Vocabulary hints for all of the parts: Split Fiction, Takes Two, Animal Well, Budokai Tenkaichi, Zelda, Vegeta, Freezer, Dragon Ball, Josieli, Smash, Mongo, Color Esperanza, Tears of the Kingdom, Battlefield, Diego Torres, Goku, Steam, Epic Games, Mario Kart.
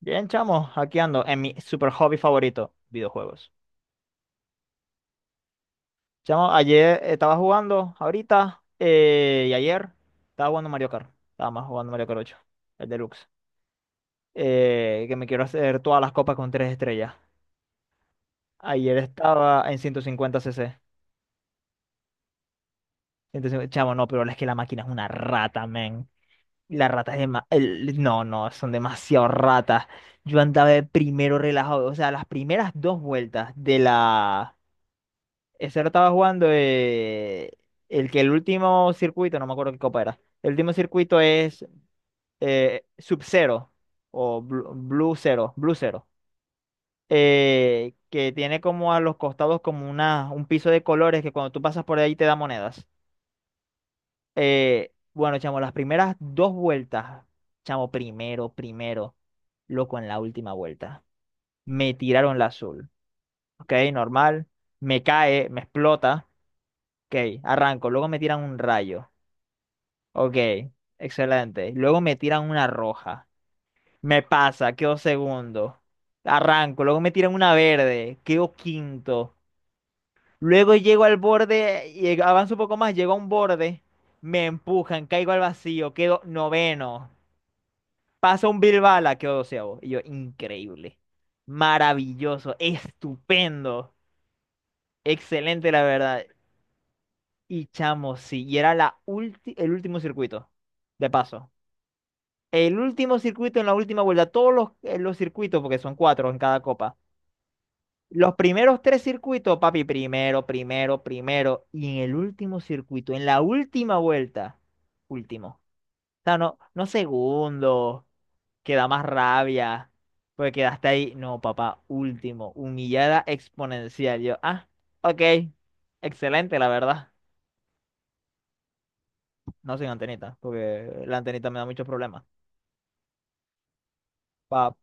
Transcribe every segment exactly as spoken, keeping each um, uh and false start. Bien, chamo, aquí ando en mi super hobby favorito, videojuegos. Chamo, ayer estaba jugando, ahorita eh, y ayer estaba jugando Mario Kart. Estaba más jugando Mario Kart ocho, el deluxe. Eh, que me quiero hacer todas las copas con tres estrellas. Ayer estaba en ciento cincuenta cc. Entonces, chamo, no, pero es que la máquina es una rata, men. La rata es dema- el- No, no, son demasiado ratas. Yo andaba de primero relajado. O sea, las primeras dos vueltas de la. Ese lo estaba jugando eh, El que el último circuito, no me acuerdo qué copa era. El último circuito es eh, Sub-Zero o Blu- Blue Zero, Blue Zero, eh, que tiene como a los costados como una, un piso de colores que cuando tú pasas por ahí te da monedas. Eh, bueno, chamo, las primeras dos vueltas, chamo, primero, primero, loco, en la última vuelta. Me tiraron la azul, ok, normal, me cae, me explota, ok, arranco, luego me tiran un rayo. Ok, excelente. Luego me tiran una roja. Me pasa, quedo segundo. Arranco, luego me tiran una verde, quedo quinto. Luego llego al borde, y avanzo un poco más, llego a un borde, me empujan, caigo al vacío, quedo noveno. Pasa un Bilbala, quedo doceavo. Y yo, increíble, maravilloso, estupendo, excelente la verdad. Y chamo, sí, y era la ulti- el último circuito, de paso. El último circuito en la última vuelta, todos los, eh, los circuitos, porque son cuatro en cada copa. Los primeros tres circuitos, papi, primero, primero, primero. Y en el último circuito, en la última vuelta, último. O sea, no, no segundo, que da más rabia, porque quedaste ahí. No, papá, último, humillada exponencial. Yo, ah, ok, excelente, la verdad. No sin antenita, porque la antenita me da muchos problemas. Pa,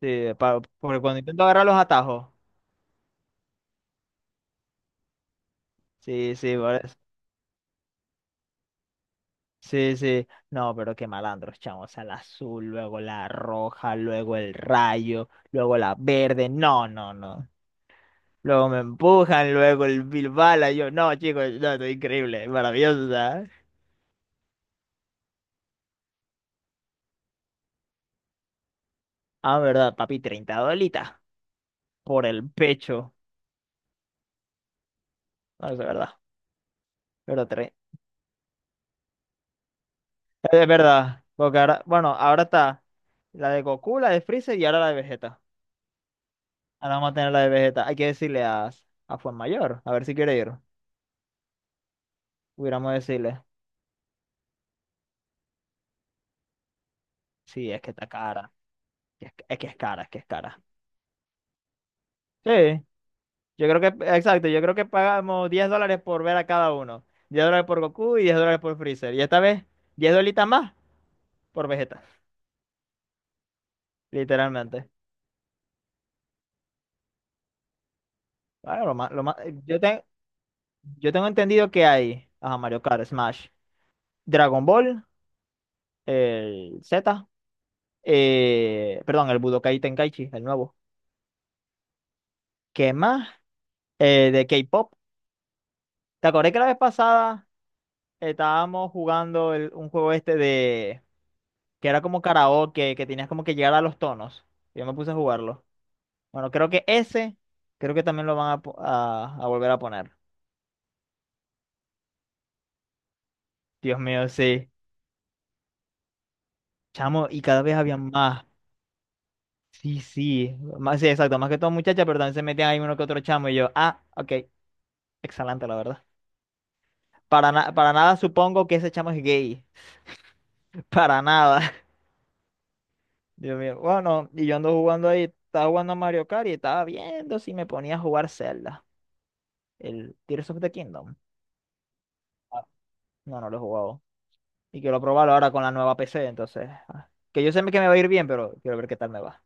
sí, pa- porque cuando intento agarrar los atajos. Sí, sí, por eso. Sí, sí. No, pero qué malandros, chamo. O sea, la azul, luego la roja, luego el rayo, luego la verde. No, no, no. Luego me empujan, luego el Bilbala. Yo, no, chicos, no, esto es increíble, maravilloso, ¿sabes? Ah, verdad, papi, treinta dolitas por el pecho. No, es verdad, pero tres. Es verdad, porque ahora, bueno, ahora está la de Goku, la de Freezer y ahora la de Vegeta. Ahora vamos a tener la de Vegeta. Hay que decirle a, a Mayor, a ver si quiere ir. Hubiéramos decirle. Sí, es que está cara. Es que es, que es cara, es que es cara. Sí, yo creo que, exacto, yo creo que pagamos diez dólares por ver a cada uno. Diez dólares por Goku y diez dólares por Freezer. Y esta vez, diez dolitas más por Vegeta, literalmente. Claro, lo más, lo más, eh, yo, te- yo tengo entendido que hay, ajá, Mario Kart, Smash, Dragon Ball, el Z, eh, perdón, el Budokai Tenkaichi, el nuevo. ¿Qué más? Eh, de K-pop. ¿Te acordás que la vez pasada estábamos jugando el- un juego este que era como karaoke, que tenías como que llegar a los tonos? Yo me puse a jugarlo. Bueno, creo que ese, creo que también lo van a, po- a, a volver a poner. Dios mío, sí. Chamo, y cada vez había más. Sí, sí. Más, sí, exacto. Más que todo muchachas, pero también se metían ahí uno que otro chamo. Y yo, ah, ok. Excelente, la verdad. Para, na- para nada supongo que ese chamo es gay. Para nada. Dios mío. Bueno, y yo ando jugando ahí. Estaba jugando a Mario Kart y estaba viendo si me ponía a jugar Zelda. El Tears of the Kingdom. Ah, no, no lo he jugado. Y quiero probarlo ahora con la nueva P C, entonces. ah, Que yo sé que me va a ir bien, pero quiero ver qué tal me va.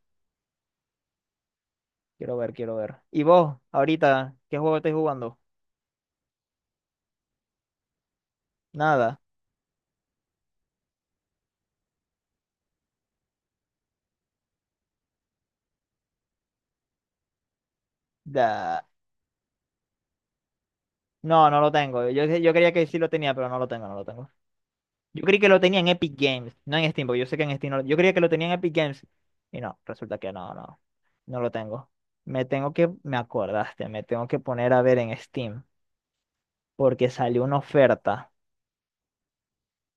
Quiero ver, quiero ver. ¿Y vos, ahorita, qué juego estáis jugando? Nada. Da. No, no lo tengo. Yo, yo creía que sí lo tenía, pero no lo tengo, no lo tengo. Yo creí que lo tenía en Epic Games, no en Steam, porque yo sé que en Steam no lo- yo creía que lo tenía en Epic Games. Y no, resulta que no, no, no lo tengo. Me tengo que, me acordaste, me tengo que poner a ver en Steam, porque salió una oferta,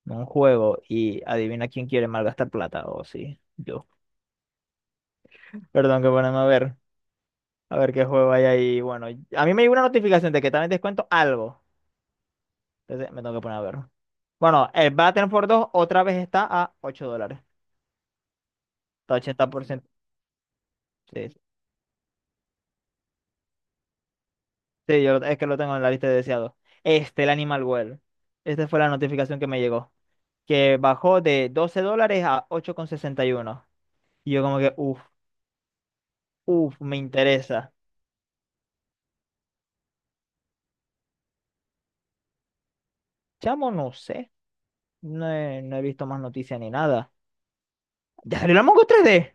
de un juego, y adivina quién quiere malgastar plata, o sí. yo Perdón que ponerme a ver, a ver qué juego hay ahí. Bueno, a mí me llegó una notificación de que también descuento algo. Entonces me tengo que poner a ver. Bueno, el Battlefield dos otra vez está a ocho dólares. Está ochenta por ciento. Sí, sí, sí, yo lo- es que lo tengo en la lista de deseados. Este, el Animal Well. Esta fue la notificación que me llegó. Que bajó de doce dólares a ocho coma sesenta y uno, y yo como que, uff, uff, me interesa. Chamo, no sé. No he, no he visto más noticias ni nada. ¿Ya salió la Mongo tres D?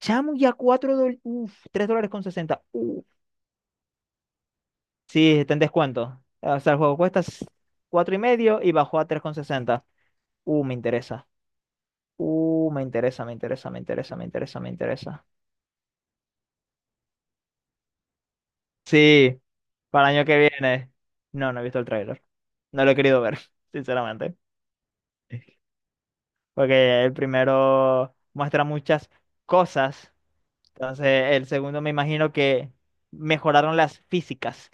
Chamo, ya cuatro dólares. Uf, tres dólares con sesenta. Uf. Sí, está en descuento. O sea, el juego cuesta s- cuatro y medio y bajó a tres con sesenta. Uh, me interesa. Uh, me interesa, me interesa, me interesa, me interesa, me interesa. Sí, para el año que viene. No, no he visto el tráiler. No lo he querido ver, sinceramente. Porque el primero muestra muchas cosas. Entonces, el segundo me imagino que mejoraron las físicas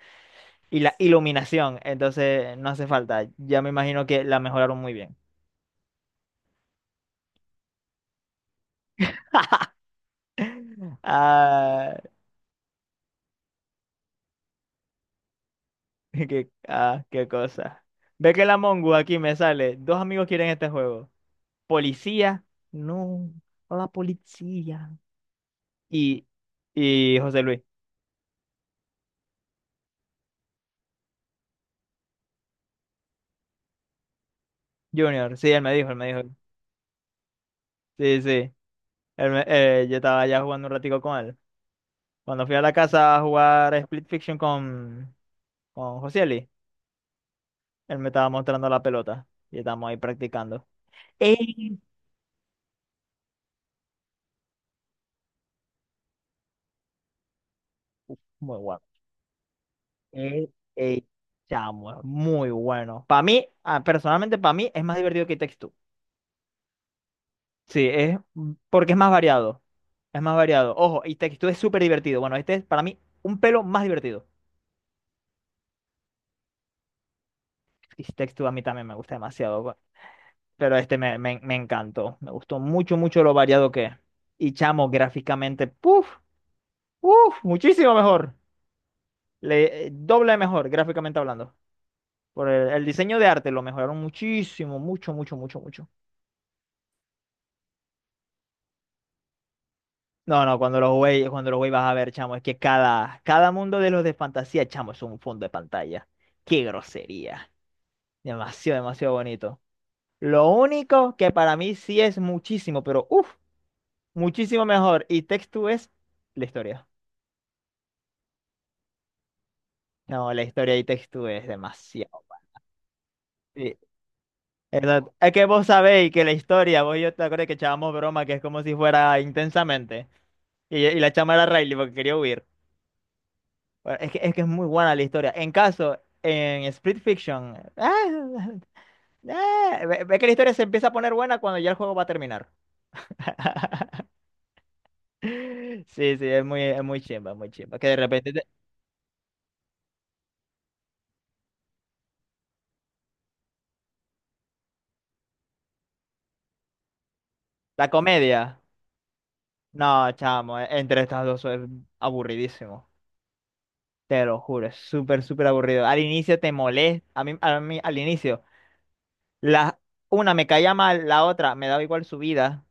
y la iluminación. Entonces no hace falta. Ya me imagino que la mejoraron muy bien. Ah, qué, ah, qué cosa. Ve que la Mongo aquí me sale. Dos amigos quieren este juego. Policía. No, no la policía. Y, y José Luis. Junior. Sí, él me dijo, él me dijo. Sí, sí. Él me- eh, yo estaba ya jugando un ratico con él. Cuando fui a la casa a jugar Split Fiction con, con Josieli, él me estaba mostrando la pelota. Y estamos ahí practicando. Ey, uf, muy bueno. Ey, ey, chamo, es muy bueno. Para mí, ah, personalmente, para mí es más divertido que Takes Two. Sí, es mm, porque es más variado. Es más variado. Ojo, y Takes Two es súper divertido. Bueno, este es para mí un pelo más divertido. Y Takes Two a mí también me gusta demasiado. bu- Pero este me, me, me encantó. Me gustó mucho, mucho lo variado que es. Y chamo, gráficamente, puff, puf, muchísimo mejor. Le, eh, doble mejor, gráficamente hablando. Por el, el diseño de arte lo mejoraron muchísimo, mucho, mucho, mucho, mucho. No, no, cuando lo jugué, cuando lo jugué vas a ver, chamo, es que cada, cada mundo de los de fantasía, chamo, es un fondo de pantalla. Qué grosería. Demasiado, demasiado bonito. Lo único que para mí sí es muchísimo, pero uff, muchísimo mejor. Y Text to es la historia. No, la historia y Text to es demasiado. Sí, exacto. Es que vos sabéis que la historia, vos y yo te acuerdas que echábamos broma, que es como si fuera intensamente. Y, y la chama era Riley porque quería huir. Bueno, es que, es que es muy buena la historia. En caso, en Split Fiction, ah, ah, ve, ve que la historia se empieza a poner buena cuando ya el juego va a terminar. Sí, sí, es muy, es muy chimba, muy chimba. Que de repente te- La comedia, no, chamo, e- entre estas dos es aburridísimo. Te lo juro, es súper, súper aburrido. Al inicio te molesta, a mí, a mí al inicio. La, una me caía mal, la otra me daba igual su vida.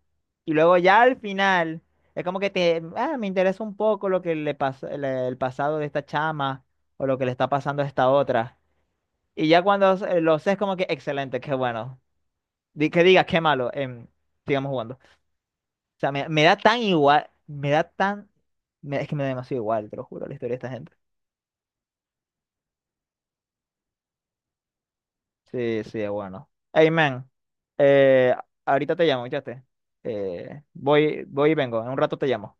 Y luego ya al final, es como que te, ah, me interesa un poco lo que le pasó, el, el pasado de esta chama o lo que le está pasando a esta otra. Y ya cuando eh, lo sé, es como que excelente, qué bueno. Di- que digas, qué malo, em, sigamos jugando. O sea, me, me da tan igual, me da tan, me- es que me da demasiado igual, te lo juro, la historia de esta gente. Sí, sí, es bueno. Hey, man, eh, ahorita te llamo, ¿escuchaste? Eh, voy, voy y vengo, en un rato te llamo.